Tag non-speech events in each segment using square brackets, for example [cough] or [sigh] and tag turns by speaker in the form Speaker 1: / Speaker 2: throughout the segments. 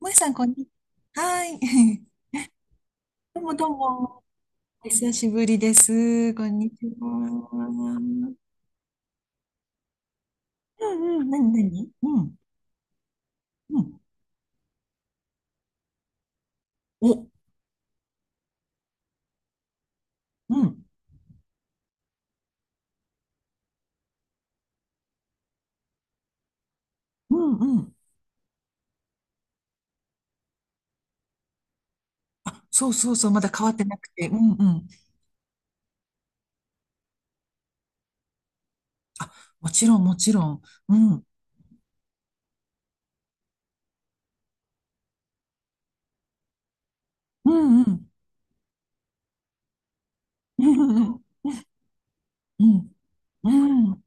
Speaker 1: もえさん、こんにちは。はーい。[laughs] どうもどうも。お久しぶりです。こんにちは。うんうん。なになに、うん。うん。お、うん。うんうん。あ、そうそうそう。まだ変わってなくて。うんうん。あ、もちろんもちろん。うん。うんうん。うんうん。うん。うん。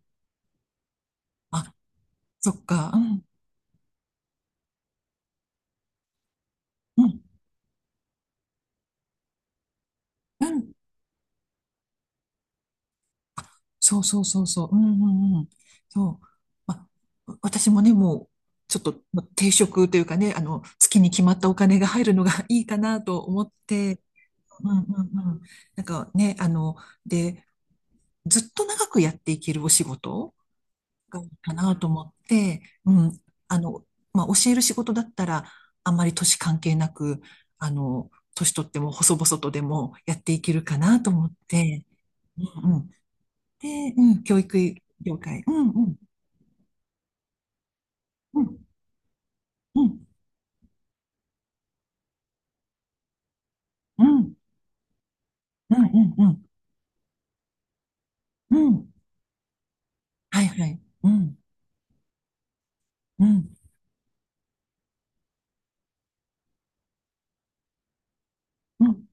Speaker 1: あ、そっか。うん。うん。うん。そうそうそうそう。うんうんうん。そう。まあ、私もね、もう、ちょっとまあ定職というかね、月に決まったお金が入るのが [laughs] いいかなと思って、うんうんうん。なんかね、で、ずっと長くやっていけるお仕事がいいかなと思って、うん。あの、まあ、教える仕事だったら、あんまり年関係なく、年取っても細々とでもやっていけるかなと思って、うんで、うん、教育業界。うん、うん、うん、うん、うん、うん、うん、うん、うん。はいはい。うん、うん、うん。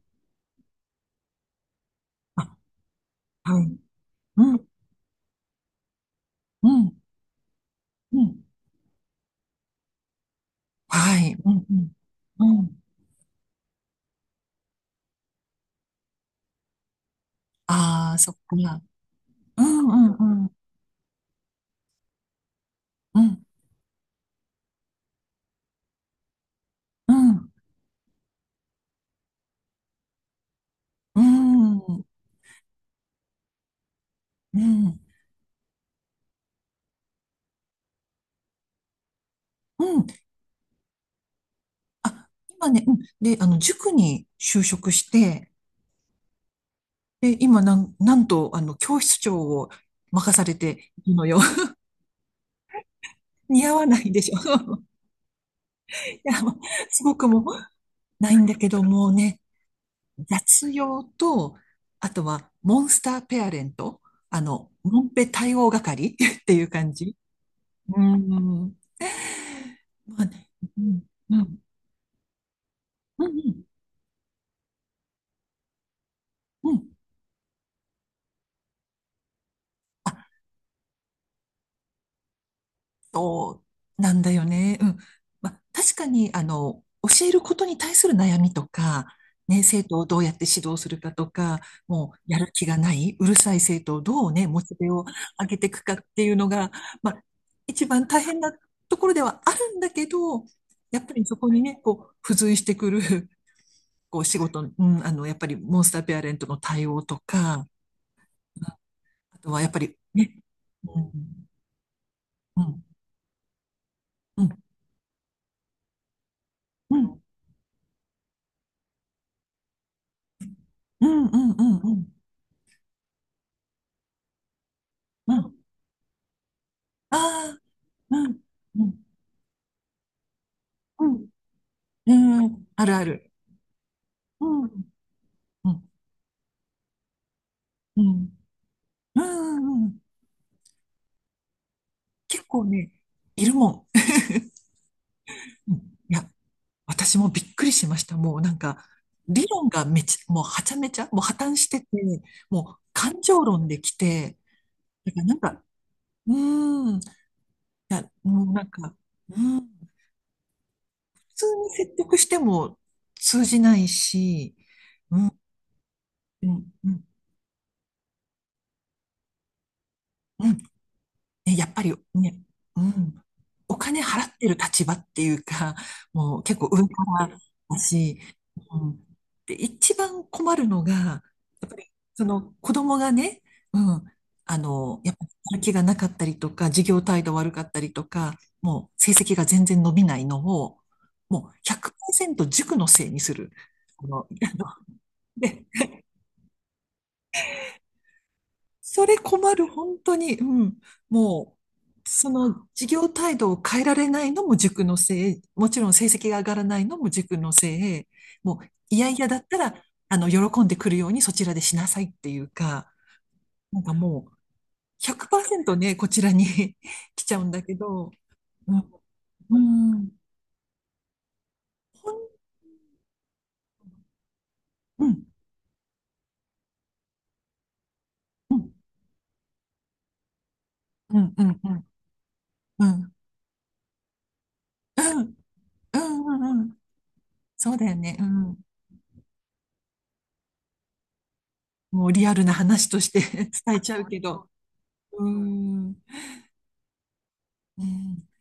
Speaker 1: あ、はい。うん、うん、うん。はい。うん、うん、うん。ああ、そっか。うん、うん、うん、うん、うん、うん、うん、うん。あ、今ね、うん。で、塾に就職して、で、今、なんと、教室長を任されているのよ。[laughs] 似合わないでしょ。[laughs] やもう、すごくもうないんだけど、もうね、雑用と、あとはモンスターペアレント、モンペ対応係 [laughs] っていう感じ。うん。[laughs] まあね、うん、うん、うん、うん。うん、そうなんだよね。うん。まあ、確かに、教えることに対する悩みとか、ね、生徒をどうやって指導するかとか、もうやる気がない、うるさい生徒をどうね、モチベを上げていくかっていうのが、まあ、一番大変なところではあるんだけど、やっぱりそこにね、こう、付随してくる、こう、仕事、うん、やっぱりモンスターペアレントの対応とか、うん、あとはやっぱりね、うん、うん、うん、うん、うん、うん、うん、うん。うんうん。ああ、うん、うん、うん、うん、あるある。うん。うん、うん、うん、うん。結構ね、いるもん。うん、いや、私もびっくりしました。もうなんか、理論がめち、もうはちゃめちゃ、もう破綻してて、もう感情論できて、だからなんか、うーん、いや、もうなんか、うん、普通に説得しても通じないし、うん、うん、うん、うん、ね、やっぱりね、うん、お金払ってる立場っていうか、[laughs] もう結構上からだし、うん、で、一番困るのが、やっぱりその子供がね、うん、やっぱりやる気がなかったりとか、授業態度悪かったりとか、もう成績が全然伸びないのを、もう100%塾のせいにする。あの、[laughs] あので、それ困る、本当に。うん。もう、その授業態度を変えられないのも塾のせい、もちろん成績が上がらないのも塾のせい、もう、いやいやだったら、喜んでくるようにそちらでしなさいっていうか、なんかもう、100%ね、こちらに [laughs] 来ちゃうんだけど、うん、うん、うん、うん、うん、うん、うん、うん、うん、うん、うん、そうだよね、うん。もうリアルな話として [laughs] 伝えちゃうけど、うん。うん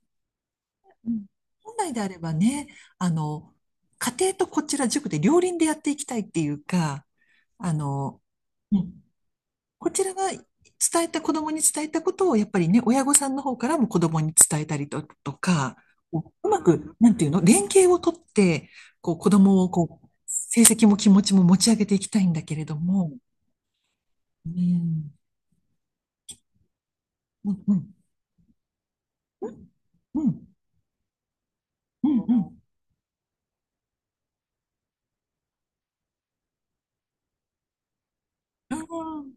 Speaker 1: うん、本来であればね、あの、家庭とこちら塾で両輪でやっていきたいっていうか、あの、うん、こちらが伝えた、子供に伝えたことを、やっぱりね、親御さんの方からも子供に伝えたりと、とか、こううまく、なんていうの、連携をとって、こう、子供を、こう、成績も気持ちも持ち上げていきたいんだけれども、うん、うん、うん、うん、うん、うん、うん、うん、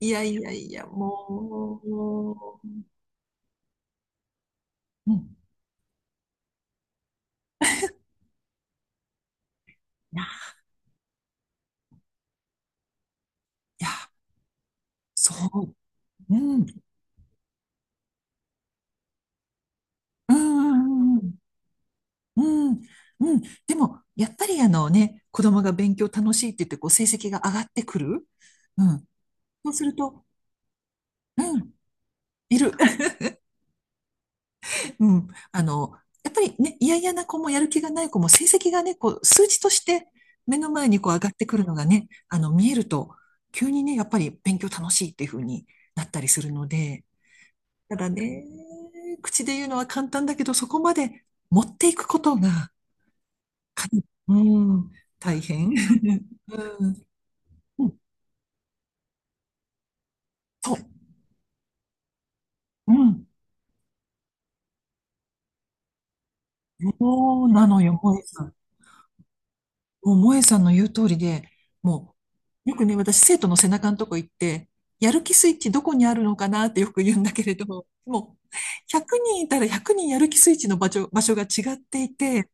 Speaker 1: いやいやいや、もう、うん、いや、いやそう、うん、うん、うん、うん、うん。でも、やっぱりあのね、子供が勉強楽しいって言って、こう、成績が上がってくる。うん。そうすると、うん、いる。[laughs] うん。やっぱりね、嫌々な子もやる気がない子も、成績がね、こう、数値として目の前にこう上がってくるのがね、見えると、急にね、やっぱり勉強楽しいっていう風になったりするので、ただね、口で言うのは簡単だけど、そこまで持っていくことが、かに、うん、大変。[laughs] うん、うん、そう、うん、そうなのよ、萌えさん。もう萌えさんの言う通りで、もう、よくね、私、生徒の背中のとこ行って、やる気スイッチどこにあるのかなってよく言うんだけれど、もう、100人いたら100人やる気スイッチの場所が違っていて、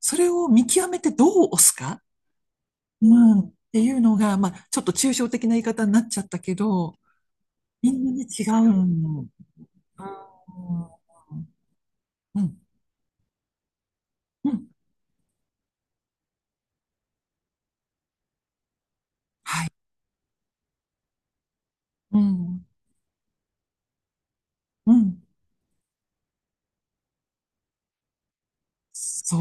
Speaker 1: それを見極めてどう押すか、うん、っていうのが、まあ、ちょっと抽象的な言い方になっちゃったけど、みんなね、違うの。うん。うんうん。はい。うん。うん。そ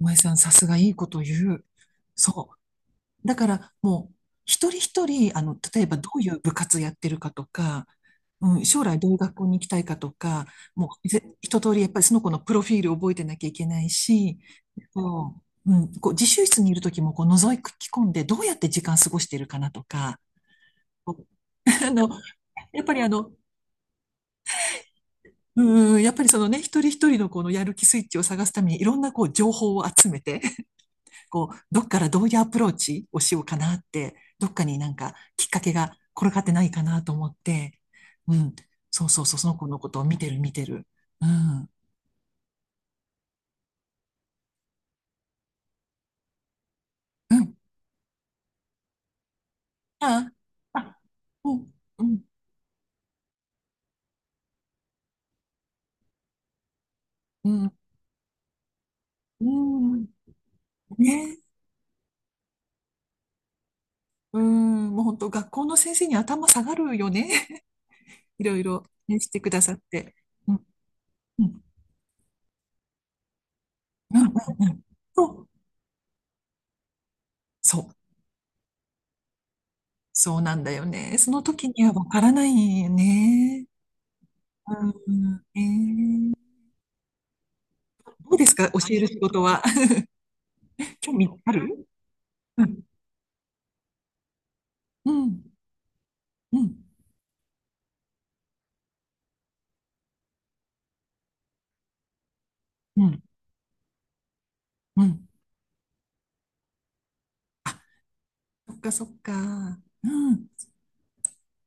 Speaker 1: う。萌えさん、さすがいいこと言う。そう。だから、もう、一人一人、例えばどういう部活やってるかとか、うん、将来どういう学校に行きたいかとか、もう、一通り、やっぱりその子のプロフィールを覚えてなきゃいけないし、そう。うん、こう、自習室にいるときも、こう、覗き込んで、どうやって時間過ごしてるかなとか、[laughs] あの、やっぱりあの、うん、やっぱりそのね、一人一人のこのやる気スイッチを探すために、いろんなこう情報を集めて、[laughs] こう、どっからどういうアプローチをしようかなって、どっかになんかきっかけが転がってないかなと思って、うん、そうそうそう、その子のことを見てる見てる。うん、うん、あ、あ、うん、うん、うん、うん、ね、うん、もう本当、学校の先生に頭下がるよね。[laughs] いろいろね、してくださって。うん、うん、うん、うん。うん、そう。そうそうなんだよね。その時にはわからないよね。うん、えー、どうですか、教える仕事は。[laughs] 興味ある、うん、うん、うん、うん、うん。あ、そっかそっか。うん。